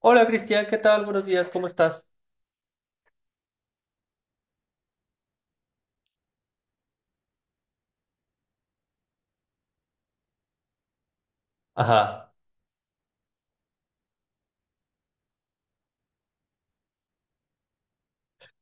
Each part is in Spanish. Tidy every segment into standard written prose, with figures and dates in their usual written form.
Hola Cristian, ¿qué tal? Buenos días, ¿cómo estás? Ajá.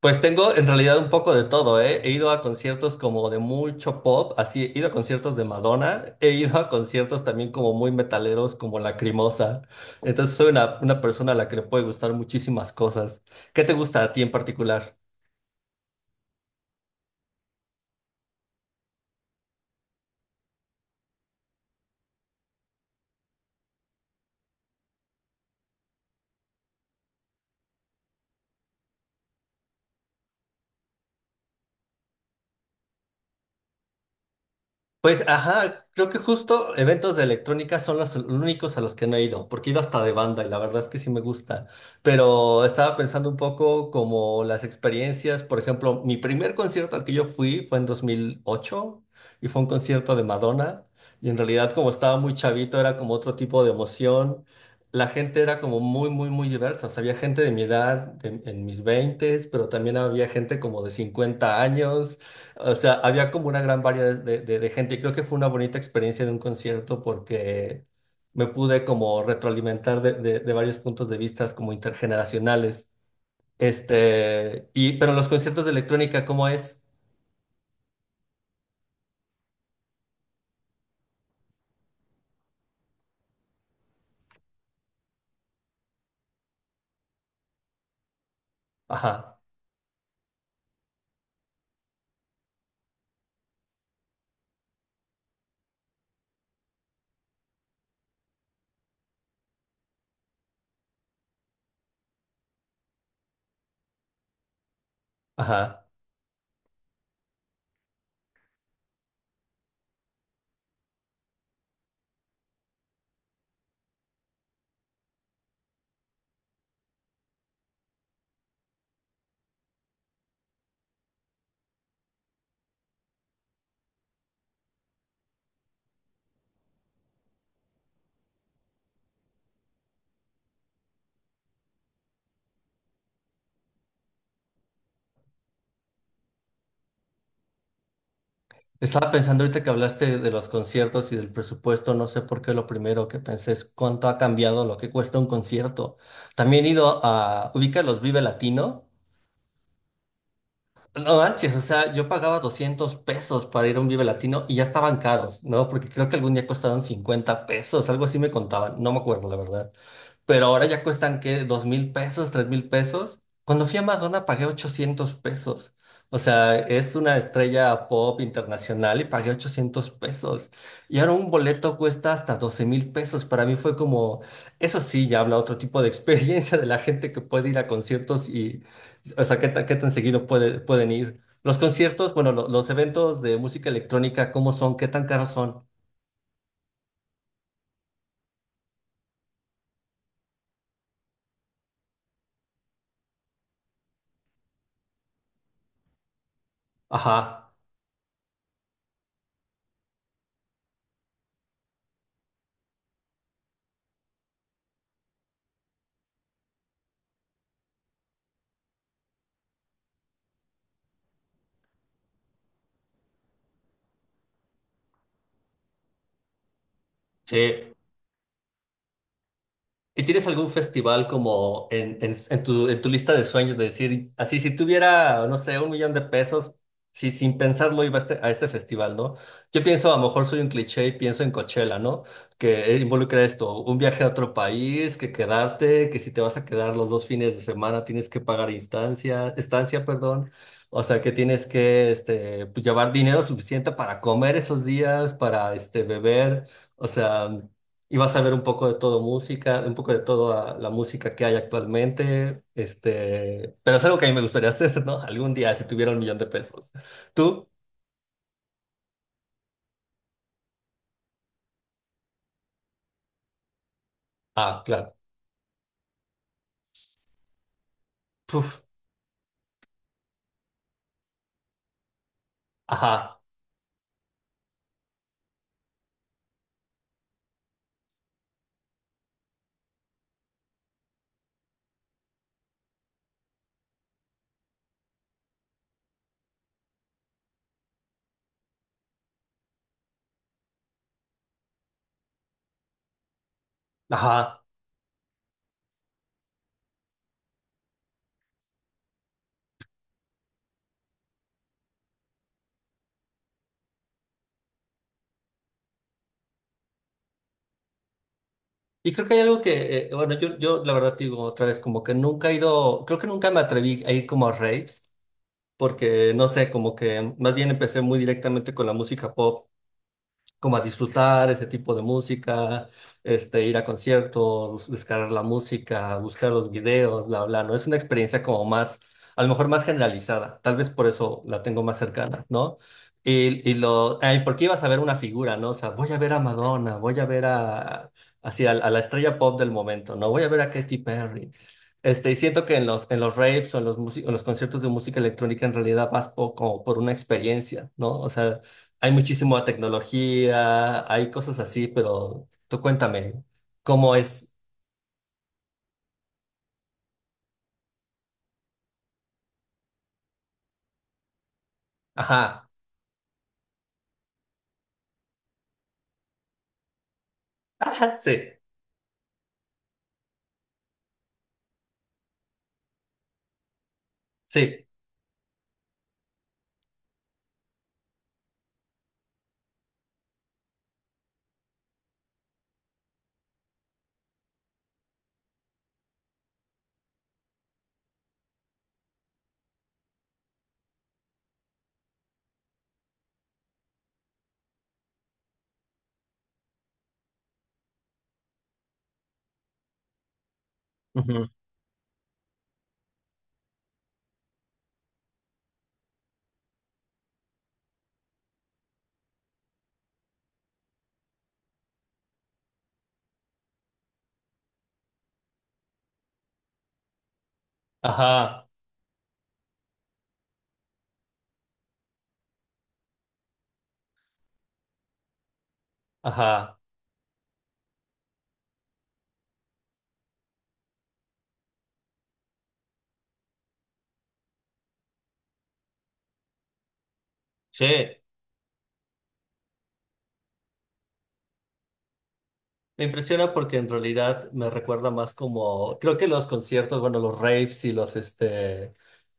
Pues tengo en realidad un poco de todo, ¿eh? He ido a conciertos como de mucho pop, así he ido a conciertos de Madonna, he ido a conciertos también como muy metaleros, como Lacrimosa. Entonces soy una persona a la que le puede gustar muchísimas cosas. ¿Qué te gusta a ti en particular? Pues, ajá, creo que justo eventos de electrónica son los únicos a los que no he ido, porque he ido hasta de banda y la verdad es que sí me gusta, pero estaba pensando un poco como las experiencias, por ejemplo, mi primer concierto al que yo fui fue en 2008 y fue un concierto de Madonna y en realidad como estaba muy chavito era como otro tipo de emoción, la gente era como muy, muy, muy diversa, o sea, había gente de mi edad, en mis veintes, pero también había gente como de 50 años. O sea, había como una gran variedad de gente y creo que fue una bonita experiencia de un concierto porque me pude como retroalimentar de, de varios puntos de vista como intergeneracionales. Este, y, pero los conciertos de electrónica, ¿cómo es? Ajá, ajá. Estaba pensando ahorita que hablaste de los conciertos y del presupuesto, no sé por qué lo primero que pensé es cuánto ha cambiado lo que cuesta un concierto. También he ido a, ubica los Vive Latino. No manches, o sea, yo pagaba 200 pesos para ir a un Vive Latino y ya estaban caros, ¿no? Porque creo que algún día costaron 50 pesos, algo así me contaban, no me acuerdo, la verdad, pero ahora ya cuestan, ¿qué? ¿2,000 pesos? ¿3,000 pesos? Cuando fui a Madonna pagué 800 pesos. O sea, es una estrella pop internacional y pagué 800 pesos. Y ahora un boleto cuesta hasta 12,000 pesos. Para mí fue como, eso sí, ya habla otro tipo de experiencia de la gente que puede ir a conciertos y, o sea, qué tan seguido pueden ir. Los conciertos, bueno, los eventos de música electrónica, ¿cómo son? ¿Qué tan caros son? Ajá, sí. ¿Y tienes algún festival como en, en tu lista de sueños de decir, así si tuviera, no sé, un millón de pesos, si sin pensarlo iba a este festival, ¿no? Yo pienso, a lo mejor soy un cliché y pienso en Coachella, ¿no? Que involucra esto, un viaje a otro país, que quedarte, que si te vas a quedar los dos fines de semana tienes que pagar instancia, estancia, perdón. O sea, que tienes que este, pues, llevar dinero suficiente para comer esos días, para este, beber. O sea, y vas a ver un poco de todo música, un poco de toda la música que hay actualmente, este, pero es algo que a mí me gustaría hacer, ¿no? Algún día, si tuviera un millón de pesos. ¿Tú? Ah, claro. Puf, ajá, ajá. Y creo que hay algo que, bueno, yo la verdad te digo otra vez, como que nunca he ido, creo que nunca me atreví a ir como a raves, porque no sé, como que más bien empecé muy directamente con la música pop como a disfrutar ese tipo de música, este, ir a conciertos, descargar la música, buscar los videos, bla, bla, ¿no? Es una experiencia como más, a lo mejor más generalizada, tal vez por eso la tengo más cercana, ¿no? Y lo, ay, porque ibas a ver una figura, ¿no? O sea, voy a ver a Madonna, voy a ver a, así, a la estrella pop del momento, ¿no? Voy a ver a Katy Perry. Este, y siento que en los raves o en los, en los conciertos de música electrónica en realidad como por una experiencia, ¿no? O sea, hay muchísima tecnología, hay cosas así, pero tú cuéntame, ¿cómo es? Ajá, ajá, sí, sí, ujú, ajá, ajá, sí. Me impresiona porque en realidad me recuerda más como, creo que los conciertos, bueno, los raves y los, este,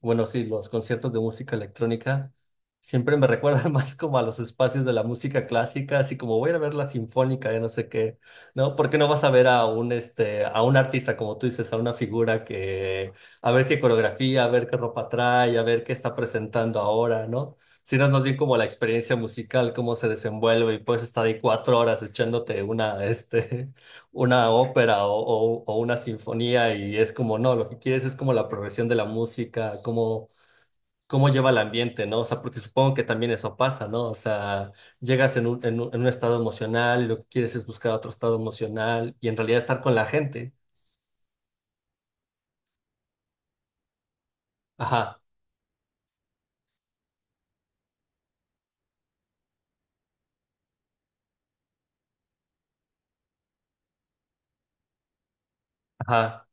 bueno, sí, los conciertos de música electrónica siempre me recuerdan más como a los espacios de la música clásica, así como voy a ir a ver la sinfónica de no sé qué, ¿no? Porque no vas a ver a un, este, a un artista, como tú dices, a una figura que, a ver qué coreografía, a ver qué ropa trae, a ver qué está presentando ahora, ¿no? Sino es más bien como la experiencia musical, cómo se desenvuelve y puedes estar ahí 4 horas echándote una, este, una ópera o, o una sinfonía y es como, no, lo que quieres es como la progresión de la música, cómo, cómo lleva el ambiente, ¿no? O sea, porque supongo que también eso pasa, ¿no? O sea, llegas en un, en un, en un estado emocional y lo que quieres es buscar otro estado emocional y en realidad estar con la gente. Ajá, ajá.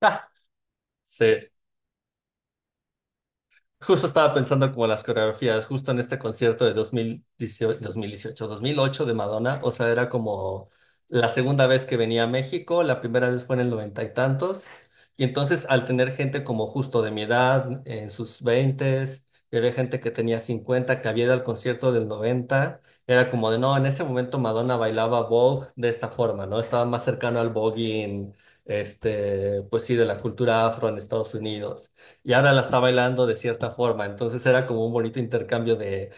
Ah, sí. Justo estaba pensando como las coreografías, justo en este concierto de 2008 de Madonna, o sea, era como la segunda vez que venía a México, la primera vez fue en el noventa y tantos, y entonces al tener gente como justo de mi edad, en sus veintes, y había gente que tenía 50, que había ido al concierto del 90, era como de, no, en ese momento Madonna bailaba Vogue de esta forma, ¿no? Estaba más cercano al voguing, este, pues sí, de la cultura afro en Estados Unidos y ahora la está bailando de cierta forma. Entonces era como un bonito intercambio de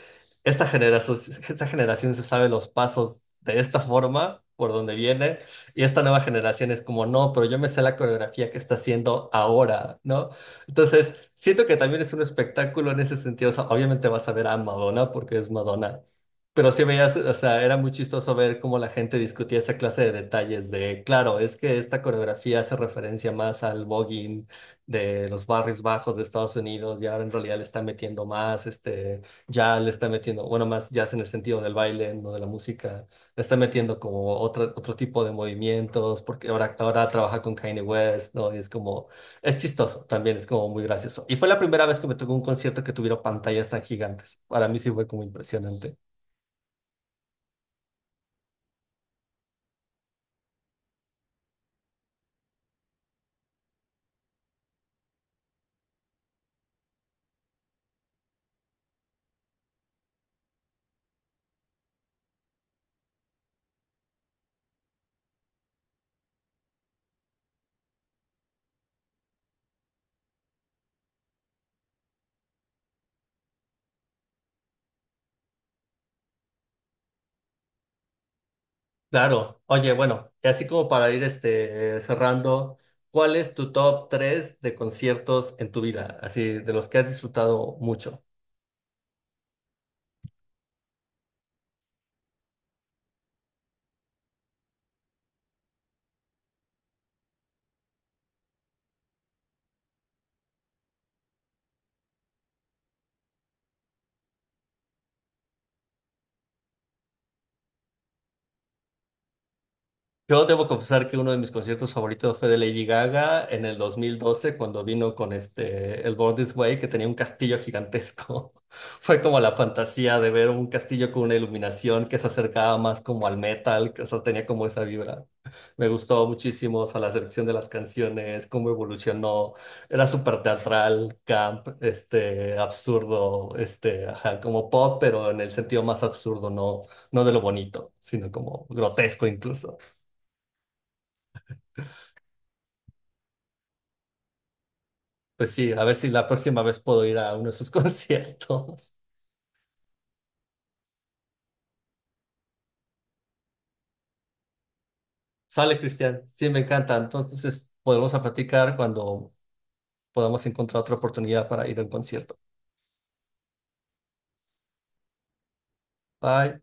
esta generación, esta generación se sabe los pasos de esta forma, por donde viene, y esta nueva generación es como, no, pero yo me sé la coreografía que está haciendo ahora, ¿no? Entonces, siento que también es un espectáculo en ese sentido. O sea, obviamente vas a ver a Madonna porque es Madonna. Pero sí veías, o sea, era muy chistoso ver cómo la gente discutía esa clase de detalles de, claro, es que esta coreografía hace referencia más al voguing de los barrios bajos de Estados Unidos y ahora en realidad le está metiendo más, este, ya le está metiendo, bueno, más jazz en el sentido del baile, no de la música, le está metiendo como otro, otro tipo de movimientos, porque ahora trabaja con Kanye West, ¿no? Y es como, es chistoso también, es como muy gracioso. Y fue la primera vez que me tocó un concierto que tuviera pantallas tan gigantes. Para mí sí fue como impresionante. Claro, oye, bueno, y así como para ir este, cerrando, ¿cuál es tu top 3 de conciertos en tu vida? Así, de los que has disfrutado mucho. Yo debo confesar que uno de mis conciertos favoritos fue de Lady Gaga en el 2012, cuando vino con este, el Born This Way, que tenía un castillo gigantesco. Fue como la fantasía de ver un castillo con una iluminación que se acercaba más como al metal, que o sea, tenía como esa vibra. Me gustó muchísimo, o sea, la selección de las canciones, cómo evolucionó. Era súper teatral, camp, este, absurdo, este, ajá, como pop, pero en el sentido más absurdo, no, no de lo bonito, sino como grotesco incluso. Pues sí, a ver si la próxima vez puedo ir a uno de sus conciertos. Sale, Cristian. Sí, me encanta. Entonces, podemos a platicar cuando podamos encontrar otra oportunidad para ir a un concierto. Bye.